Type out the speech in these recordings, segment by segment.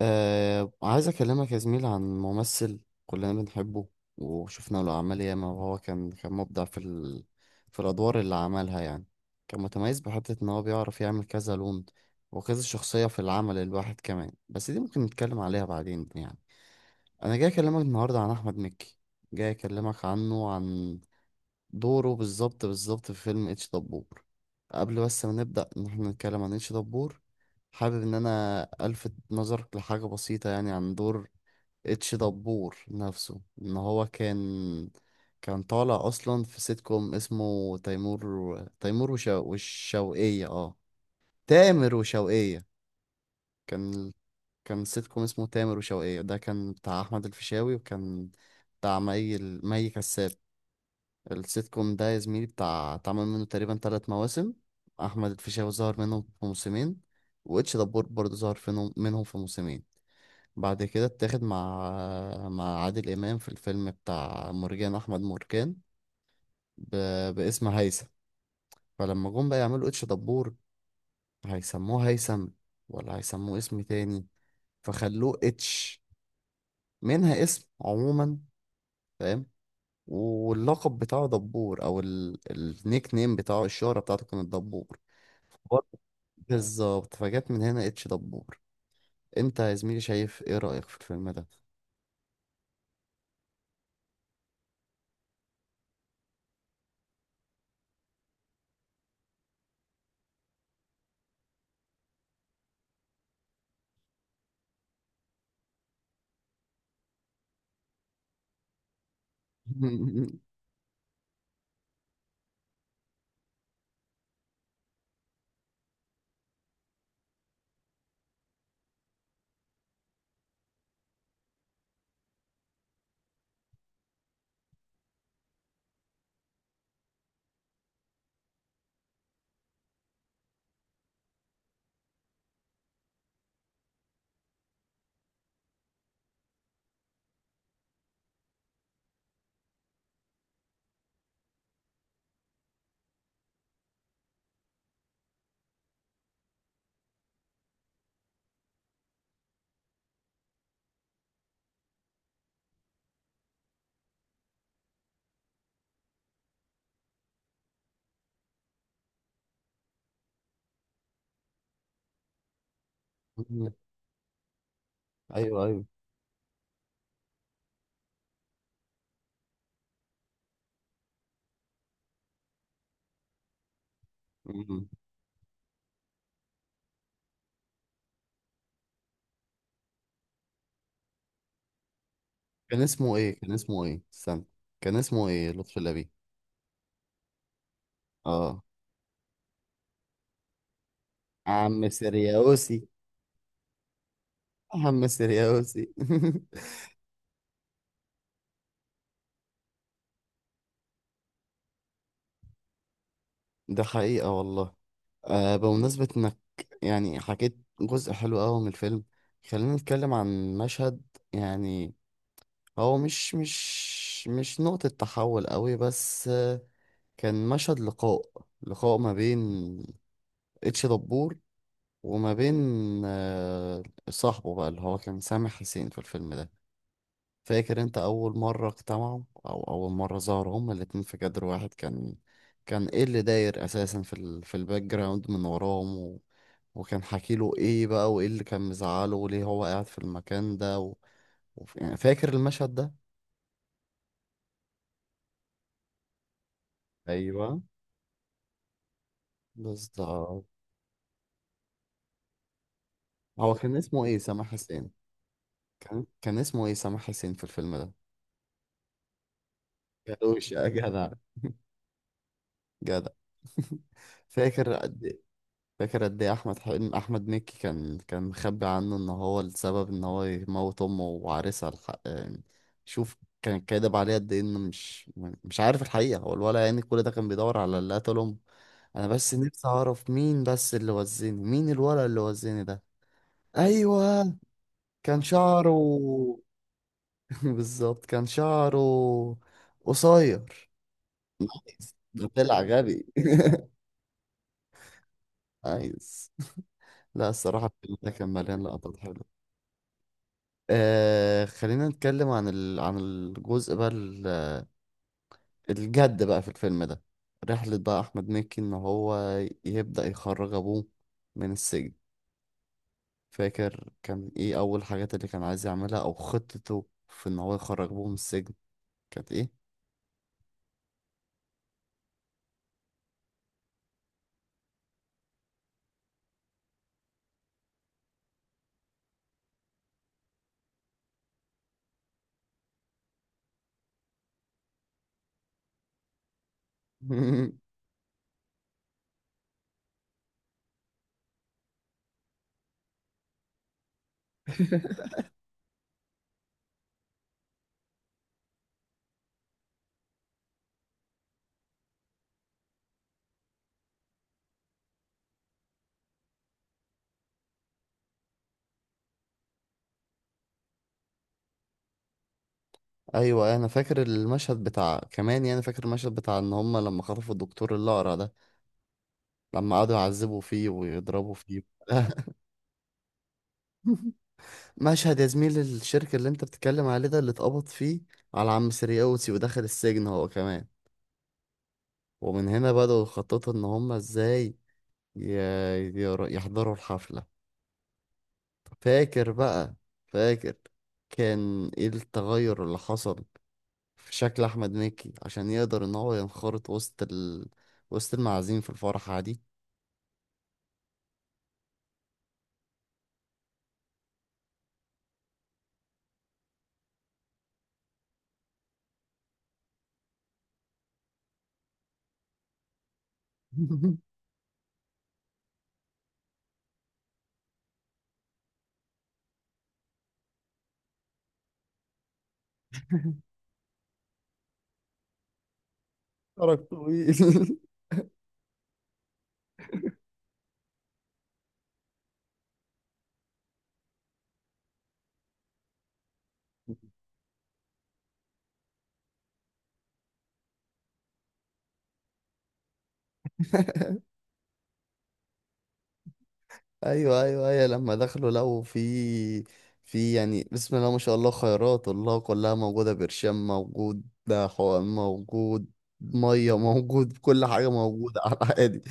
آه، عايز أكلمك يا زميل عن ممثل كلنا بنحبه. وشفنا له أعمال ياما، وهو كان مبدع في في الأدوار اللي عملها يعني. كان متميز بحتة إن هو بيعرف يعمل كذا لون وكذا شخصية في العمل الواحد. كمان بس دي ممكن نتكلم عليها بعدين يعني. أنا جاي أكلمك النهاردة عن أحمد مكي. جاي أكلمك عنه، عن دوره بالظبط بالظبط في فيلم اتش دبور. قبل بس ما نبدأ ان احنا نتكلم عن اتش دبور، حابب ان انا الفت نظرك لحاجة بسيطة يعني، عن دور اتش دبور نفسه. ان هو كان طالع اصلا في سيت كوم اسمه تيمور. تيمور والشوقية، تامر وشوقية. كان كان سيت كوم اسمه تامر وشوقية. ده كان بتاع احمد الفيشاوي، وكان بتاع مي كساب. السيت كوم ده يا زميلي بتاع اتعمل منه تقريبا 3 مواسم. احمد الفيشاوي ظهر منهم في موسمين، واتش دبور برضه ظهر منهم في موسمين. بعد كده اتاخد مع عادل امام في الفيلم بتاع مرجان احمد مرجان، ب... باسم هيثم. فلما جم بقى يعملوا اتش دبور، هيسموه هيثم ولا هيسموه اسم تاني؟ فخلوه اتش، منها اسم عموما، فاهم. واللقب بتاعه دبور، او النيك نيم بتاعه، الشهرة بتاعته كانت دبور. بالظبط، فجت من هنا اتش دبور. انت يا زميلي شايف ايه رأيك في الفيلم ده؟ ايوه، ايوه. مم. كان اسمه ايه؟ كان اسمه ايه؟ استنى، كان اسمه ايه؟ لطفي لبيب. اه. عم سرياوسي. عم سرياوسي. ده حقيقة والله. آه، بمناسبة انك يعني حكيت جزء حلو قوي من الفيلم، خلينا نتكلم عن مشهد يعني. هو مش نقطة تحول قوي، بس كان مشهد لقاء ما بين اتش دبور وما بين، آه، صاحبه بقى اللي هو كان سامح حسين في الفيلم ده. فاكر انت اول مرة اجتمعوا، او اول مرة ظهروا هما الاتنين في كادر واحد؟ كان كان ايه اللي داير اساسا في في الباك جراوند من وراهم وكان حكي له ايه بقى، وايه اللي كان مزعله، وليه هو قاعد في المكان ده يعني فاكر المشهد ده؟ ايوه، بالظبط. هو كان اسمه ايه سامح حسين؟ كان اسمه ايه سامح حسين في الفيلم ده؟ كاوش يا جدع. جدع. فاكر قد ايه؟ فاكر قد ايه، احمد مكي كان مخبي عنه ان هو السبب ان هو يموت امه وعريسها الحق يعني. شوف، كان كاذب عليه قد ايه، انه مش عارف الحقيقه. هو الولد يعني كل ده كان بيدور على اللي قتل امه. انا بس نفسي اعرف مين بس اللي وزني، مين الولد اللي وزني ده. ايوه. كان شعره بالظبط كان شعره قصير. طلع غبي. عايز. لا، الصراحة الفيلم ده كان مليان لقطات حلوة. آه، خلينا نتكلم عن عن الجزء بقى الجد بقى في الفيلم ده. رحلة بقى أحمد مكي إن هو يبدأ يخرج أبوه من السجن. فاكر كان إيه أول حاجات اللي كان عايز يعملها أو خطته في إن هو يخرج أبوه من السجن، كانت إيه؟ أيوة، أنا فاكر المشهد بتاع كمان، يعني فاكر المشهد بتاع إن هما لما خطفوا الدكتور الأقرع ده، لما قعدوا يعذبوا فيه ويضربوا فيه. مشهد، يا زميلي الشركة اللي انت بتتكلم عليه ده اللي اتقبض فيه على عم سرياوتي ودخل السجن هو كمان. ومن هنا بدأوا يخططوا ان هما ازاي يحضروا الحفلة. فاكر بقى؟ فاكر كان ايه التغير اللي حصل في شكل احمد مكي عشان يقدر ان هو ينخرط وسط وسط المعازيم في الفرحة دي؟ فرق طويل. ايوه، ايوه، ايوه. لما دخلوا لقوا في يعني بسم الله ما شاء الله، خيرات الله كلها موجوده، برشام موجود، ده حقن موجود، ميه موجود. كل حاجه موجوده على عادي.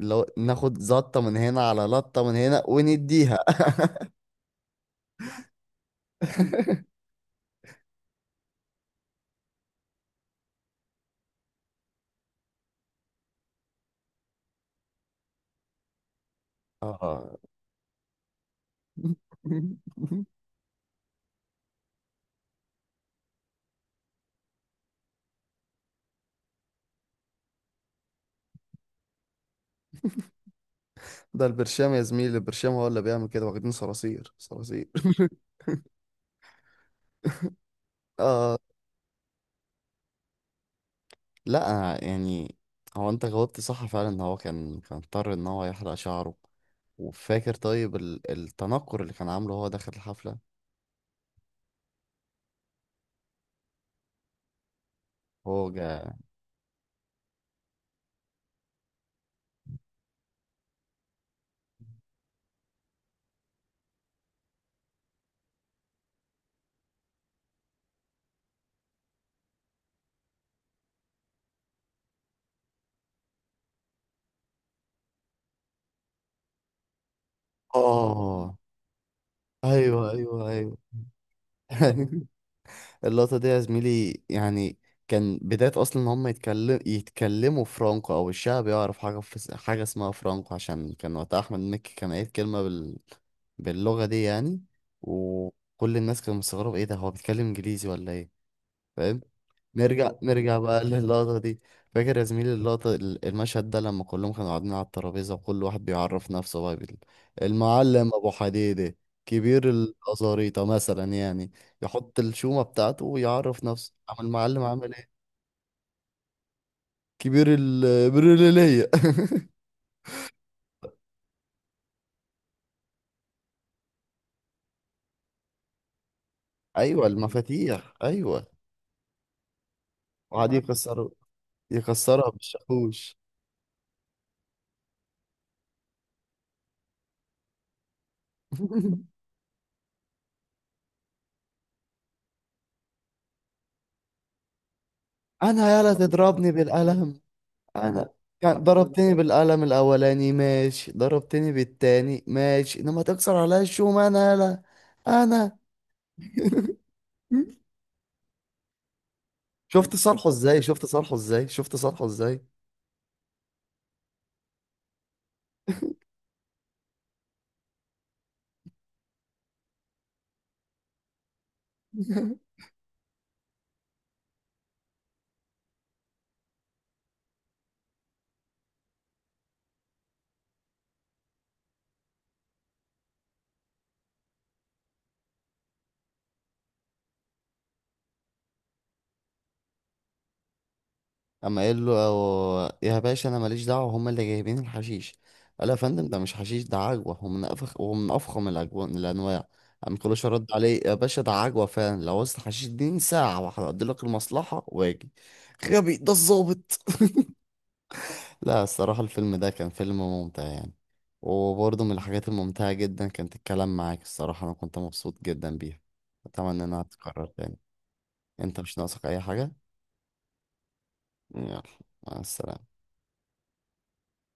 لو ناخد زطه من هنا، على لطه من هنا ونديها. اه، ده البرشام يا زميلي. البرشام هو اللي بيعمل كده، واخدين صراصير صراصير. آه، لا يعني، هو انت جاوبت صح فعلا ان هو كان اضطر ان هو يحلق شعره. وفاكر طيب التنكر اللي كان عامله هو داخل الحفلة؟ هو جا. اه، ايوه، ايوه، ايوه. اللقطة دي يا زميلي يعني كان بداية أصلا إن هم يتكلموا فرانكو، أو الشعب يعرف حاجة في حاجة اسمها فرانكو. عشان كان وقتها أحمد مكي كان قايل كلمة باللغة دي يعني، وكل الناس كانوا مستغربة، إيه ده، هو بيتكلم إنجليزي ولا إيه؟ فاهم. نرجع نرجع بقى للقطة دي. فاكر يا زميلي اللقطة، المشهد ده لما كلهم كانوا قاعدين على الترابيزة، وكل واحد بيعرف نفسه بقى المعلم أبو حديدة، كبير الأزاريطة مثلا يعني. يحط الشومة بتاعته ويعرف نفسه، عم المعلم عامل ايه. كبير البريلية. أيوة، المفاتيح، أيوة. وقعد يكسرها بالشاكوش. أنا يالا تضربني بالقلم. انا كان ضربتني بالقلم الاولاني ماشي، ضربتني بالتاني ماشي، انما تكسر عليا الشوم انا لا. انا. شفت صالحه ازاي، شفت صالحه ازاي، شفت صالحه ازاي. اما قال له، يا باشا انا ماليش دعوه هم اللي جايبين الحشيش. قال له يا فندم، ده مش حشيش ده عجوه، هو من افخم الاجوان الانواع. قام كلوش رد عليه، يا باشا ده عجوه فعلا، لو عاوزت حشيش اديني ساعه واحده اقضي لك المصلحه واجي. غبي ده الظابط. لا، الصراحة الفيلم ده كان فيلم ممتع يعني. وبرضه من الحاجات الممتعة جدا كانت الكلام معاك، الصراحة أنا كنت مبسوط جدا بيها، أتمنى إنها تتكرر تاني. أنت مش ناقصك أي حاجة؟ يلا، مع السلامة.